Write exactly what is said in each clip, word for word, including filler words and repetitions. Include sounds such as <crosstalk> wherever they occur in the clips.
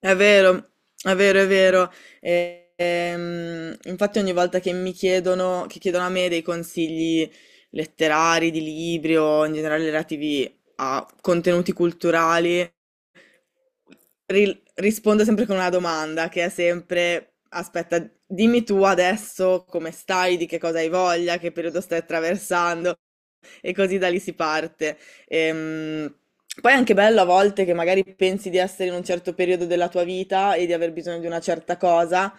È vero, è vero, è vero. E- ehm, infatti ogni volta che mi chiedono, che chiedono a me dei consigli letterari, di libri o in generale relativi a contenuti culturali, ri- rispondo sempre con una domanda che è sempre, aspetta, dimmi tu adesso come stai, di che cosa hai voglia, che periodo stai attraversando e così da lì si parte. Ehm, Poi è anche bello a volte che magari pensi di essere in un certo periodo della tua vita e di aver bisogno di una certa cosa,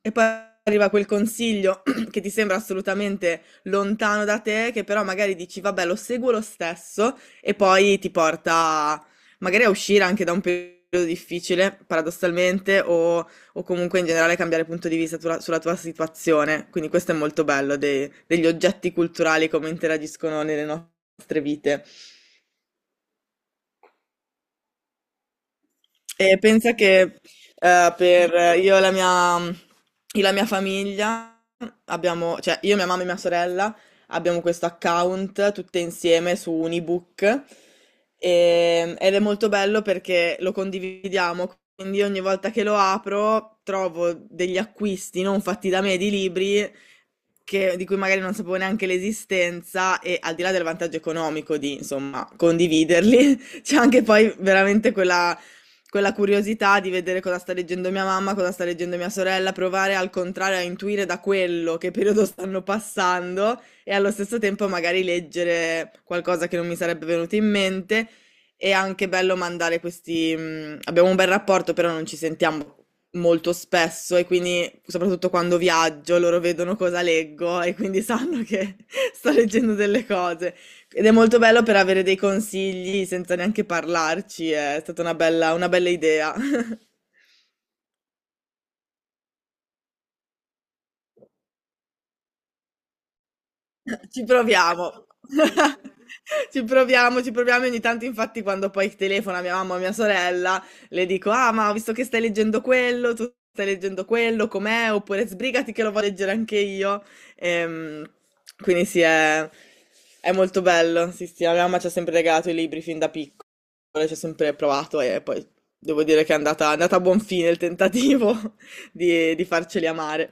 e poi arriva quel consiglio <clears throat> che ti sembra assolutamente lontano da te, che però magari dici, vabbè, lo seguo lo stesso, e poi ti porta magari a uscire anche da un periodo difficile, paradossalmente, o o comunque in generale cambiare punto di vista tua- sulla tua situazione. Quindi questo è molto bello, de- degli oggetti culturali come interagiscono nelle nostre vite. E pensa che eh, per io e la mia, io e la mia famiglia abbiamo, cioè io, mia mamma e mia sorella abbiamo questo account tutte insieme su un ebook e- ed è molto bello perché lo condividiamo, quindi ogni volta che lo apro trovo degli acquisti non fatti da me di libri che- di cui magari non sapevo neanche l'esistenza e al di là del vantaggio economico di, insomma, condividerli, <laughs> c'è anche poi veramente quella quella curiosità di vedere cosa sta leggendo mia mamma, cosa sta leggendo mia sorella, provare al contrario a intuire da quello che periodo stanno passando e allo stesso tempo magari leggere qualcosa che non mi sarebbe venuto in mente. È anche bello mandare questi... mh, abbiamo un bel rapporto, però non ci sentiamo molto spesso e quindi soprattutto quando viaggio loro vedono cosa leggo e quindi sanno che <laughs> sto leggendo delle cose. Ed è molto bello per avere dei consigli senza neanche parlarci, è stata una bella una bella idea. <laughs> Ci proviamo. <laughs> Ci proviamo, ci proviamo e ogni tanto infatti quando poi telefona mia mamma o mia sorella, le dico: "Ah, ma ho visto che stai leggendo quello, tu stai leggendo quello, com'è?" Oppure: "Sbrigati che lo voglio leggere anche io". Ehm, quindi sì, è è molto bello. Sì, sì, la mia mamma ci ha sempre regalato i libri fin da piccola. Ci ho sempre provato e poi devo dire che è andata è andata a buon fine il tentativo <laughs> di di farceli amare.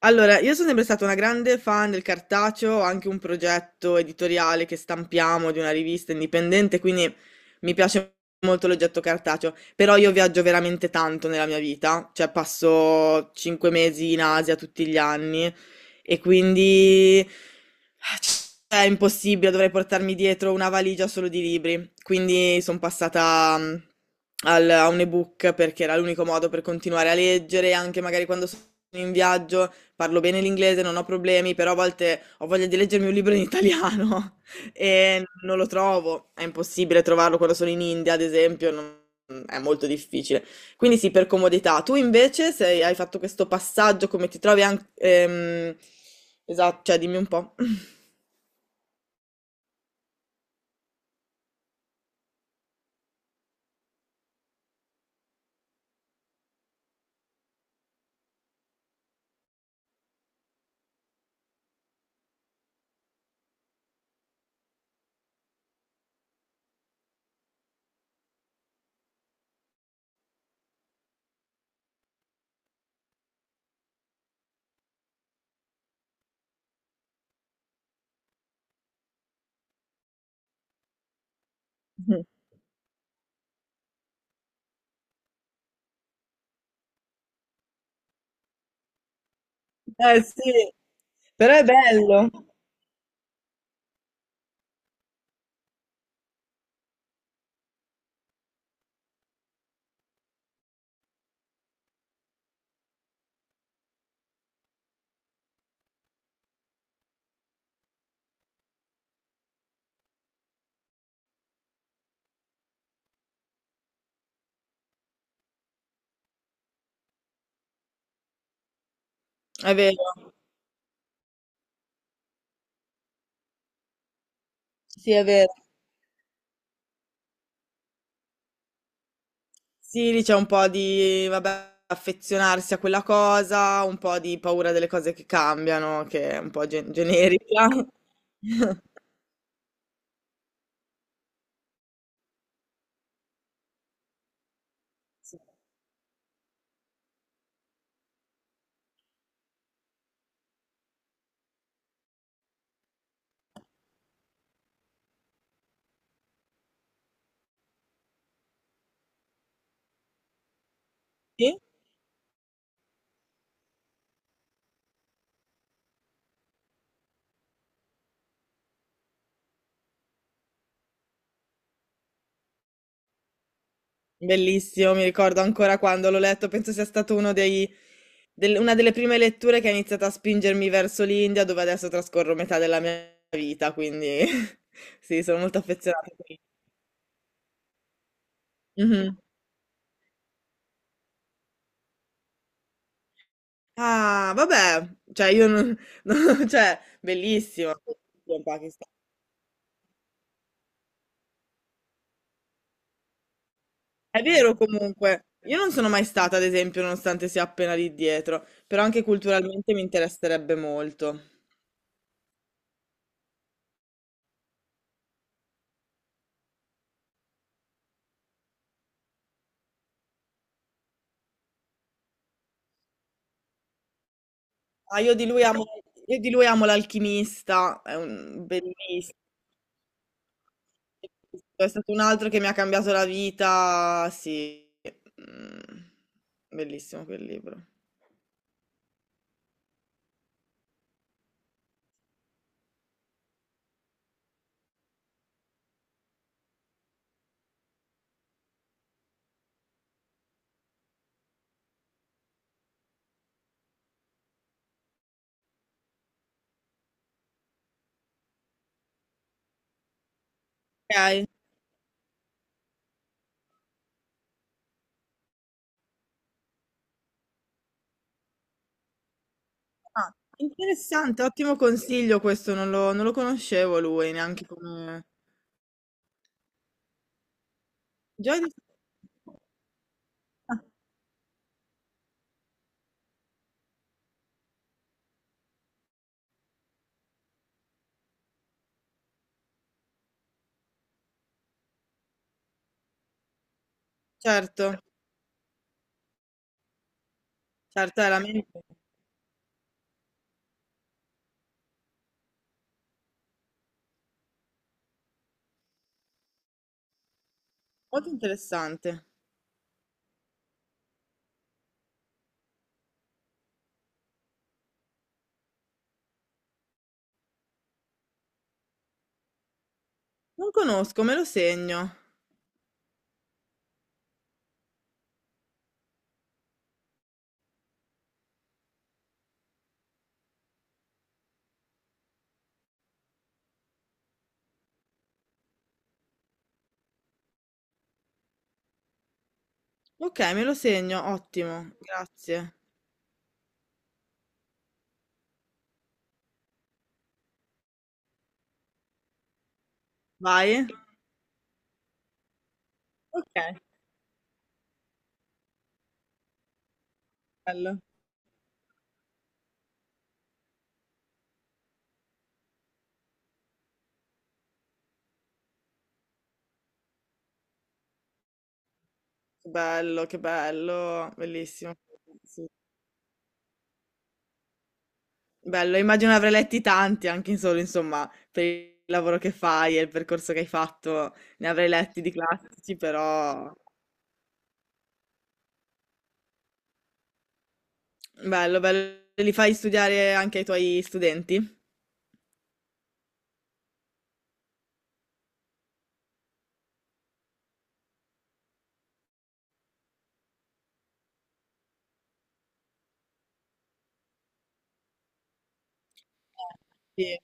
Allora, io sono sempre stata una grande fan del cartaceo, ho anche un progetto editoriale che stampiamo di una rivista indipendente, quindi mi piace molto l'oggetto cartaceo, però io viaggio veramente tanto nella mia vita, cioè passo cinque mesi in Asia tutti gli anni e quindi cioè, è impossibile, dovrei portarmi dietro una valigia solo di libri, quindi sono passata mm, al- a un ebook perché era l'unico modo per continuare a leggere, anche magari quando sono in viaggio. Parlo bene l'inglese, non ho problemi, però a volte ho voglia di leggermi un libro in italiano <laughs> e non lo trovo. È impossibile trovarlo quando sono in India, ad esempio, non- è molto difficile. Quindi sì, per comodità. Tu invece sei- hai fatto questo passaggio, come ti trovi anche... ehm, esatto, cioè dimmi un po'. <laughs> Eh sì, però è bello. È vero. Sì, è vero. Sì, lì c'è un po' di, vabbè, affezionarsi a quella cosa, un po' di paura delle cose che cambiano, che è un po' gen- generica. <laughs> Sì, bellissimo, mi ricordo ancora quando l'ho letto, penso sia stato uno dei, del- una delle prime letture che ha iniziato a spingermi verso l'India, dove adesso trascorro metà della mia vita, quindi <laughs> sì, sono molto affezionata a quello. Mhm. <laughs> Ah, vabbè, cioè io non, <laughs> non- cioè, bellissimo. È vero comunque, io non sono mai stata, ad esempio, nonostante sia appena lì dietro, però anche culturalmente mi interesserebbe molto. Ah, io di lui amo, io di lui amo l'alchimista, è un bellissimo. È stato un altro che mi ha cambiato la vita, sì. Mm, bellissimo quel libro. Ok. Ah, interessante, ottimo consiglio questo, non lo, non lo conoscevo lui neanche come... Joy di- Ah, certo, certo, è la mente. Molto interessante. Non conosco, me lo segno. Ok, me lo segno, ottimo, grazie. Vai? Ok, bello. Che bello, che bello, bellissimo. Sì. Bello, immagino avrai letti tanti anche in solo, insomma, per il lavoro che fai e il percorso che hai fatto, ne avrei letti di classici, però bello, bello. Li fai studiare anche ai tuoi studenti? Sì.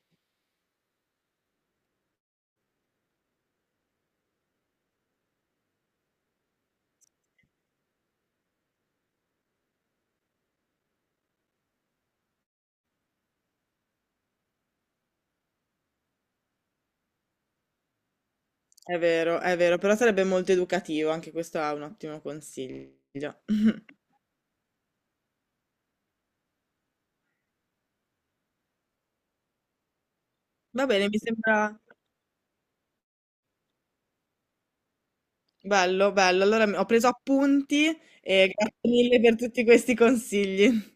È vero, è vero, però sarebbe molto educativo, anche questo è un ottimo consiglio. <laughs> Va bene, mi sembra bello, bello. Allora mi- ho preso appunti e grazie mille per tutti questi consigli.